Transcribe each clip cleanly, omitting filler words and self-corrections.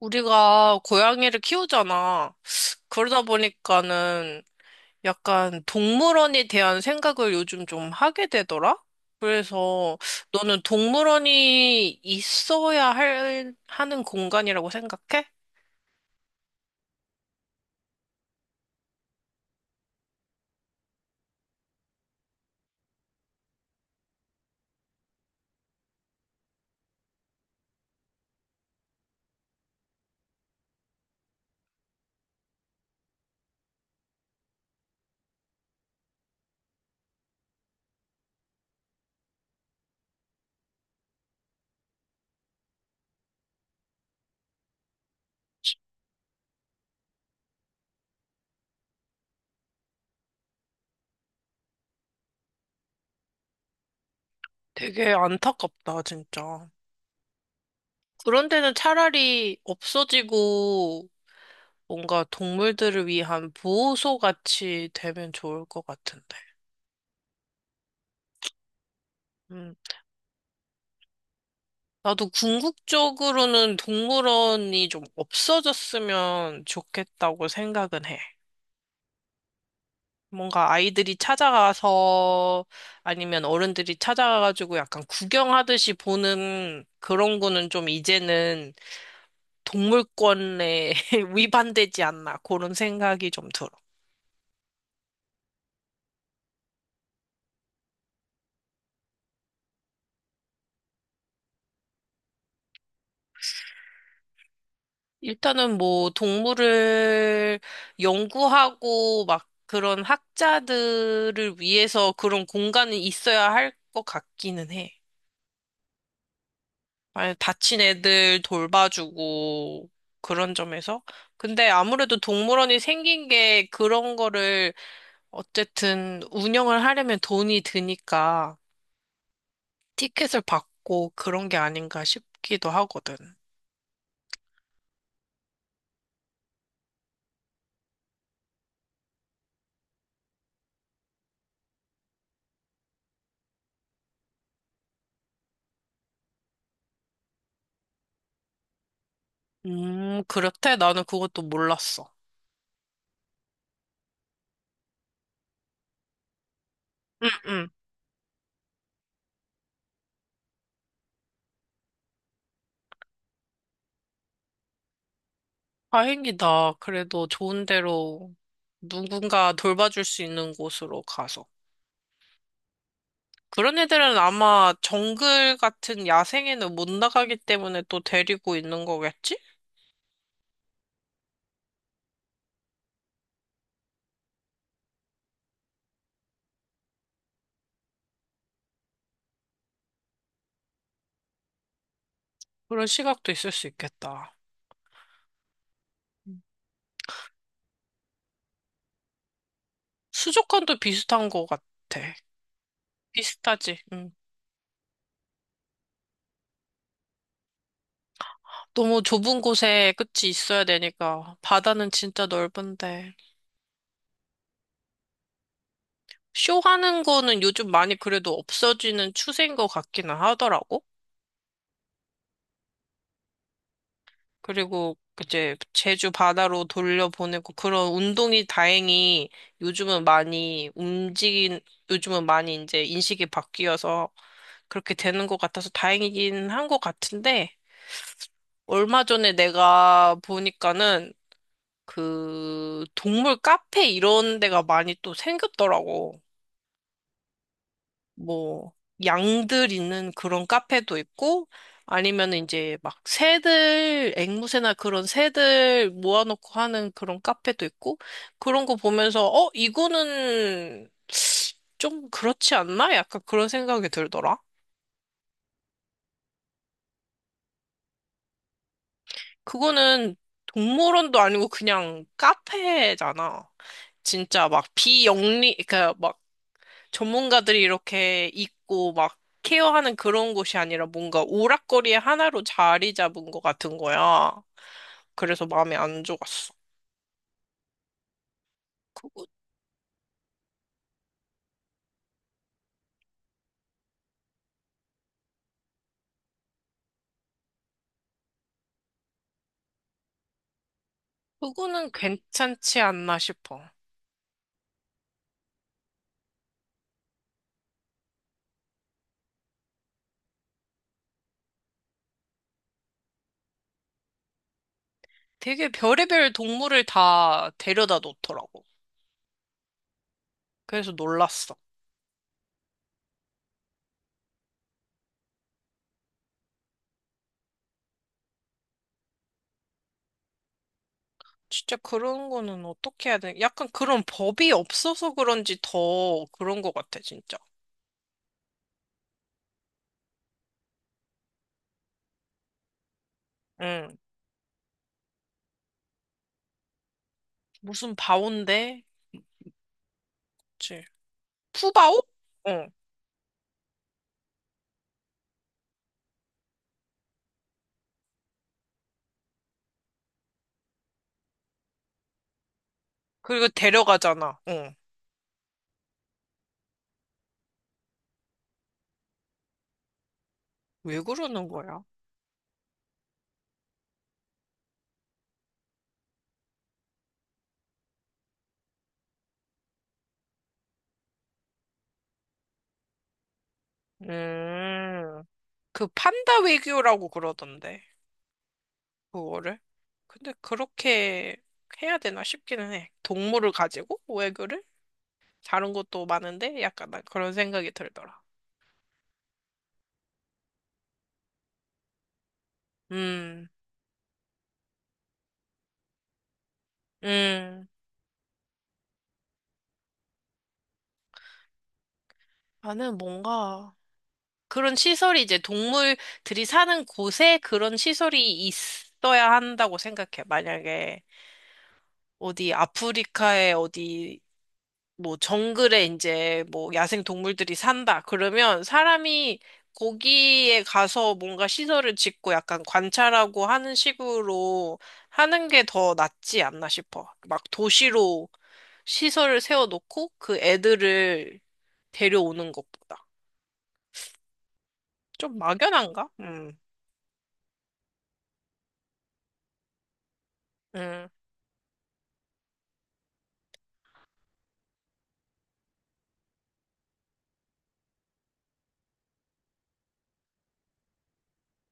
우리가 고양이를 키우잖아. 그러다 보니까는 약간 동물원에 대한 생각을 요즘 좀 하게 되더라? 그래서 너는 동물원이 있어야 할, 하는 공간이라고 생각해? 되게 안타깝다, 진짜. 그런 데는 차라리 없어지고 뭔가 동물들을 위한 보호소 같이 되면 좋을 것 같은데. 음. 나도 궁극적으로는 동물원이 좀 없어졌으면 좋겠다고 생각은 해. 뭔가 아이들이 찾아가서 아니면 어른들이 찾아가가지고 약간 구경하듯이 보는 그런 거는 좀 이제는 동물권에 위반되지 않나 그런 생각이 좀 들어. 일단은 뭐 동물을 연구하고 막 그런 학자들을 위해서 그런 공간이 있어야 할 것 같기는 해. 아니, 다친 애들 돌봐주고 그런 점에서. 근데 아무래도 동물원이 생긴 게 그런 거를 어쨌든 운영을 하려면 돈이 드니까 티켓을 받고 그런 게 아닌가 싶기도 하거든. 그렇대? 나는 그것도 몰랐어. 응, 응. 다행이다. 그래도 좋은 데로 누군가 돌봐줄 수 있는 곳으로 가서. 그런 애들은 아마 정글 같은 야생에는 못 나가기 때문에 또 데리고 있는 거겠지? 그런 시각도 있을 수 있겠다. 음. 수족관도 비슷한 것 같아. 비슷하지? 응. 너무 좁은 곳에 끝이 있어야 되니까. 바다는 진짜 넓은데. 쇼하는 거는 요즘 많이 그래도 없어지는 추세인 것 같기는 하더라고. 그리고 이제 제주 바다로 돌려보내고 그런 운동이 다행히 요즘은 많이 움직인, 요즘은 많이 이제 인식이 바뀌어서 그렇게 되는 것 같아서 다행이긴 한 것 같은데 얼마 전에 내가 보니까는 그 동물 카페 이런 데가 많이 또 생겼더라고. 뭐 양들 있는 그런 카페도 있고 아니면 이제 막 새들 앵무새나 그런 새들 모아놓고 하는 그런 카페도 있고 그런 거 보면서 어 이거는 좀 그렇지 않나? 약간 그런 생각이 들더라. 그거는 동물원도 아니고 그냥 카페잖아. 진짜 막 비영리 그러니까 전문가들이 이렇게 있고 막 케어하는 그런 곳이 아니라 뭔가 오락거리의 하나로 자리 잡은 것 같은 거야. 그래서 마음에 안 좋았어. 그거, 그거는 괜찮지 않나 싶어. 되게 별의별 동물을 다 데려다 놓더라고. 그래서 놀랐어. 진짜 그런 거는 어떻게 해야 돼? 약간 그런 법이 없어서 그런지 더 그런 것 같아, 진짜. 응. 무슨 바온데? 그치. 푸바오? 응. 그리고 데려가잖아. 응. 왜 그러는 거야? 음, 그 판다 외교라고 그러던데, 그거를. 근데 그렇게 해야 되나 싶기는 해. 동물을 가지고 외교를? 다른 것도 많은데 약간 난 그런 생각이 들더라. 음, 음. 나는 뭔가 그런 시설이 이제 동물들이 사는 곳에 그런 시설이 있어야 한다고 생각해. 만약에 어디 아프리카의 어디 뭐 정글에 이제 뭐 야생 동물들이 산다. 그러면 사람이 거기에 가서 뭔가 시설을 짓고 약간 관찰하고 하는 식으로 하는 게 더 낫지 않나 싶어. 막 도시로 시설을 세워놓고 그 애들을 데려오는 것보다. 좀 막연한가? 음,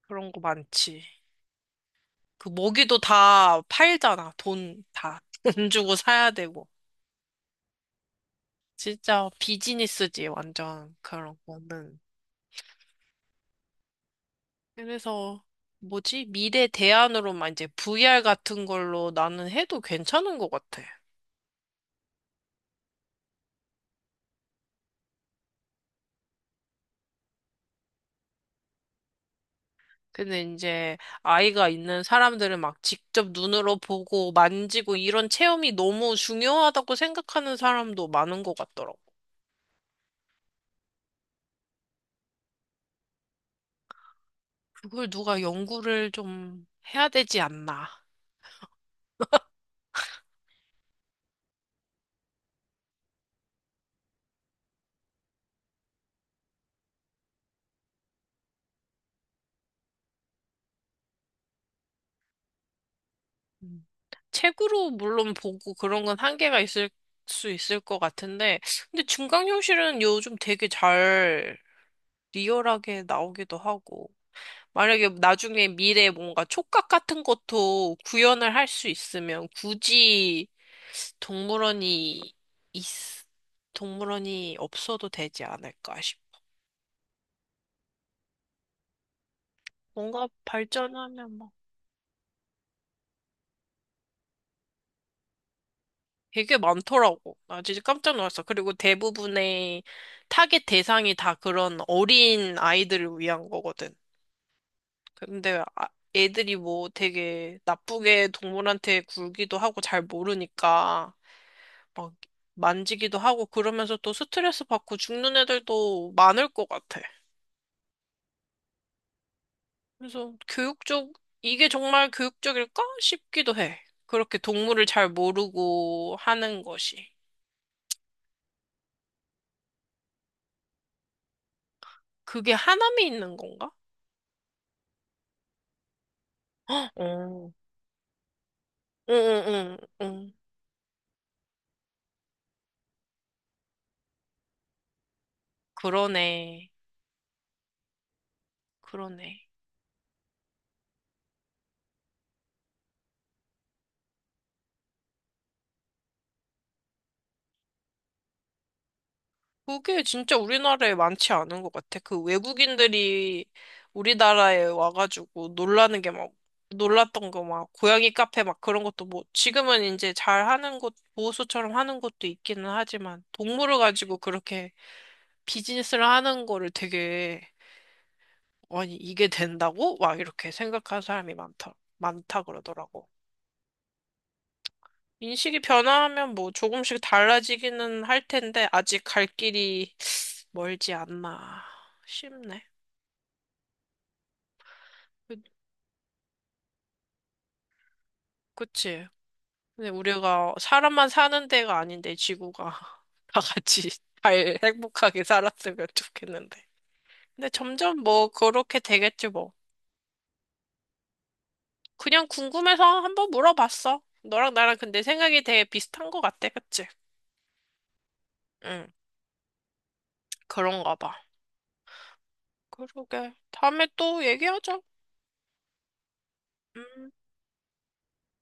그런 거 많지. 그 모기도 다 팔잖아. 돈 다. 돈 주고 사야 되고. 진짜 비즈니스지, 완전. 그런 거는. 그래서 뭐지? 미래 대안으로만 이제 VR 같은 걸로 나는 해도 괜찮은 것 같아. 근데 이제 아이가 있는 사람들은 막 직접 눈으로 보고 만지고 이런 체험이 너무 중요하다고 생각하는 사람도 많은 것 같더라고. 그걸 누가 연구를 좀 해야 되지 않나. 음. 책으로 물론 보고 그런 건 한계가 있을 수 있을 것 같은데, 근데 증강현실은 요즘 되게 잘 리얼하게 나오기도 하고. 만약에 나중에 미래에 뭔가 촉각 같은 것도 구현을 할 수 있으면 굳이 동물원이 있, 동물원이 없어도 되지 않을까 싶. 뭔가 발전하면 막 되게 많더라고. 나 진짜 깜짝 놀랐어. 그리고 대부분의 타겟 대상이 다 그런 어린 아이들을 위한 거거든. 근데 아- 애들이 뭐 되게 나쁘게 동물한테 굴기도 하고 잘 모르니까. 막 만지기도 하고 그러면서 또 스트레스 받고 죽는 애들도 많을 것 같아. 그래서 이게 정말 교육적일까? 싶기도 해. 그렇게 동물을 잘 모르고 하는 것이. 그게 하남이 있는 건가? 어. 응, 응, 응, 응. 그러네. 그러네. 그게 진짜 우리나라에 많지 않은 것 같아. 그 외국인들이 우리나라에 와가지고 놀라는 게 막, 놀랐던 거 막, 고양이 카페 막 그런 것도 뭐, 지금은 이제 잘 하는 곳, 보호소처럼 하는 곳도 있기는 하지만, 동물을 가지고 그렇게 비즈니스를 하는 거를 되게, 아니, 이게 된다고? 막 이렇게 생각하는 사람이 많다, 많다 그러더라고. 인식이 변화하면 뭐 조금씩 달라지기는 할 텐데, 아직 갈 길이 멀지 않나 싶네. 그치? 근데 우리가 사람만 사는 데가 아닌데 지구가 다 같이 잘 행복하게 살았으면 좋겠는데. 근데 점점 뭐 그렇게 되겠지 뭐. 그냥 궁금해서 한번 물어봤어. 너랑 나랑 근데 생각이 되게 비슷한 것 같아, 그치? 응, 그런가 봐. 그러게. 다음에 또 얘기하자. 음.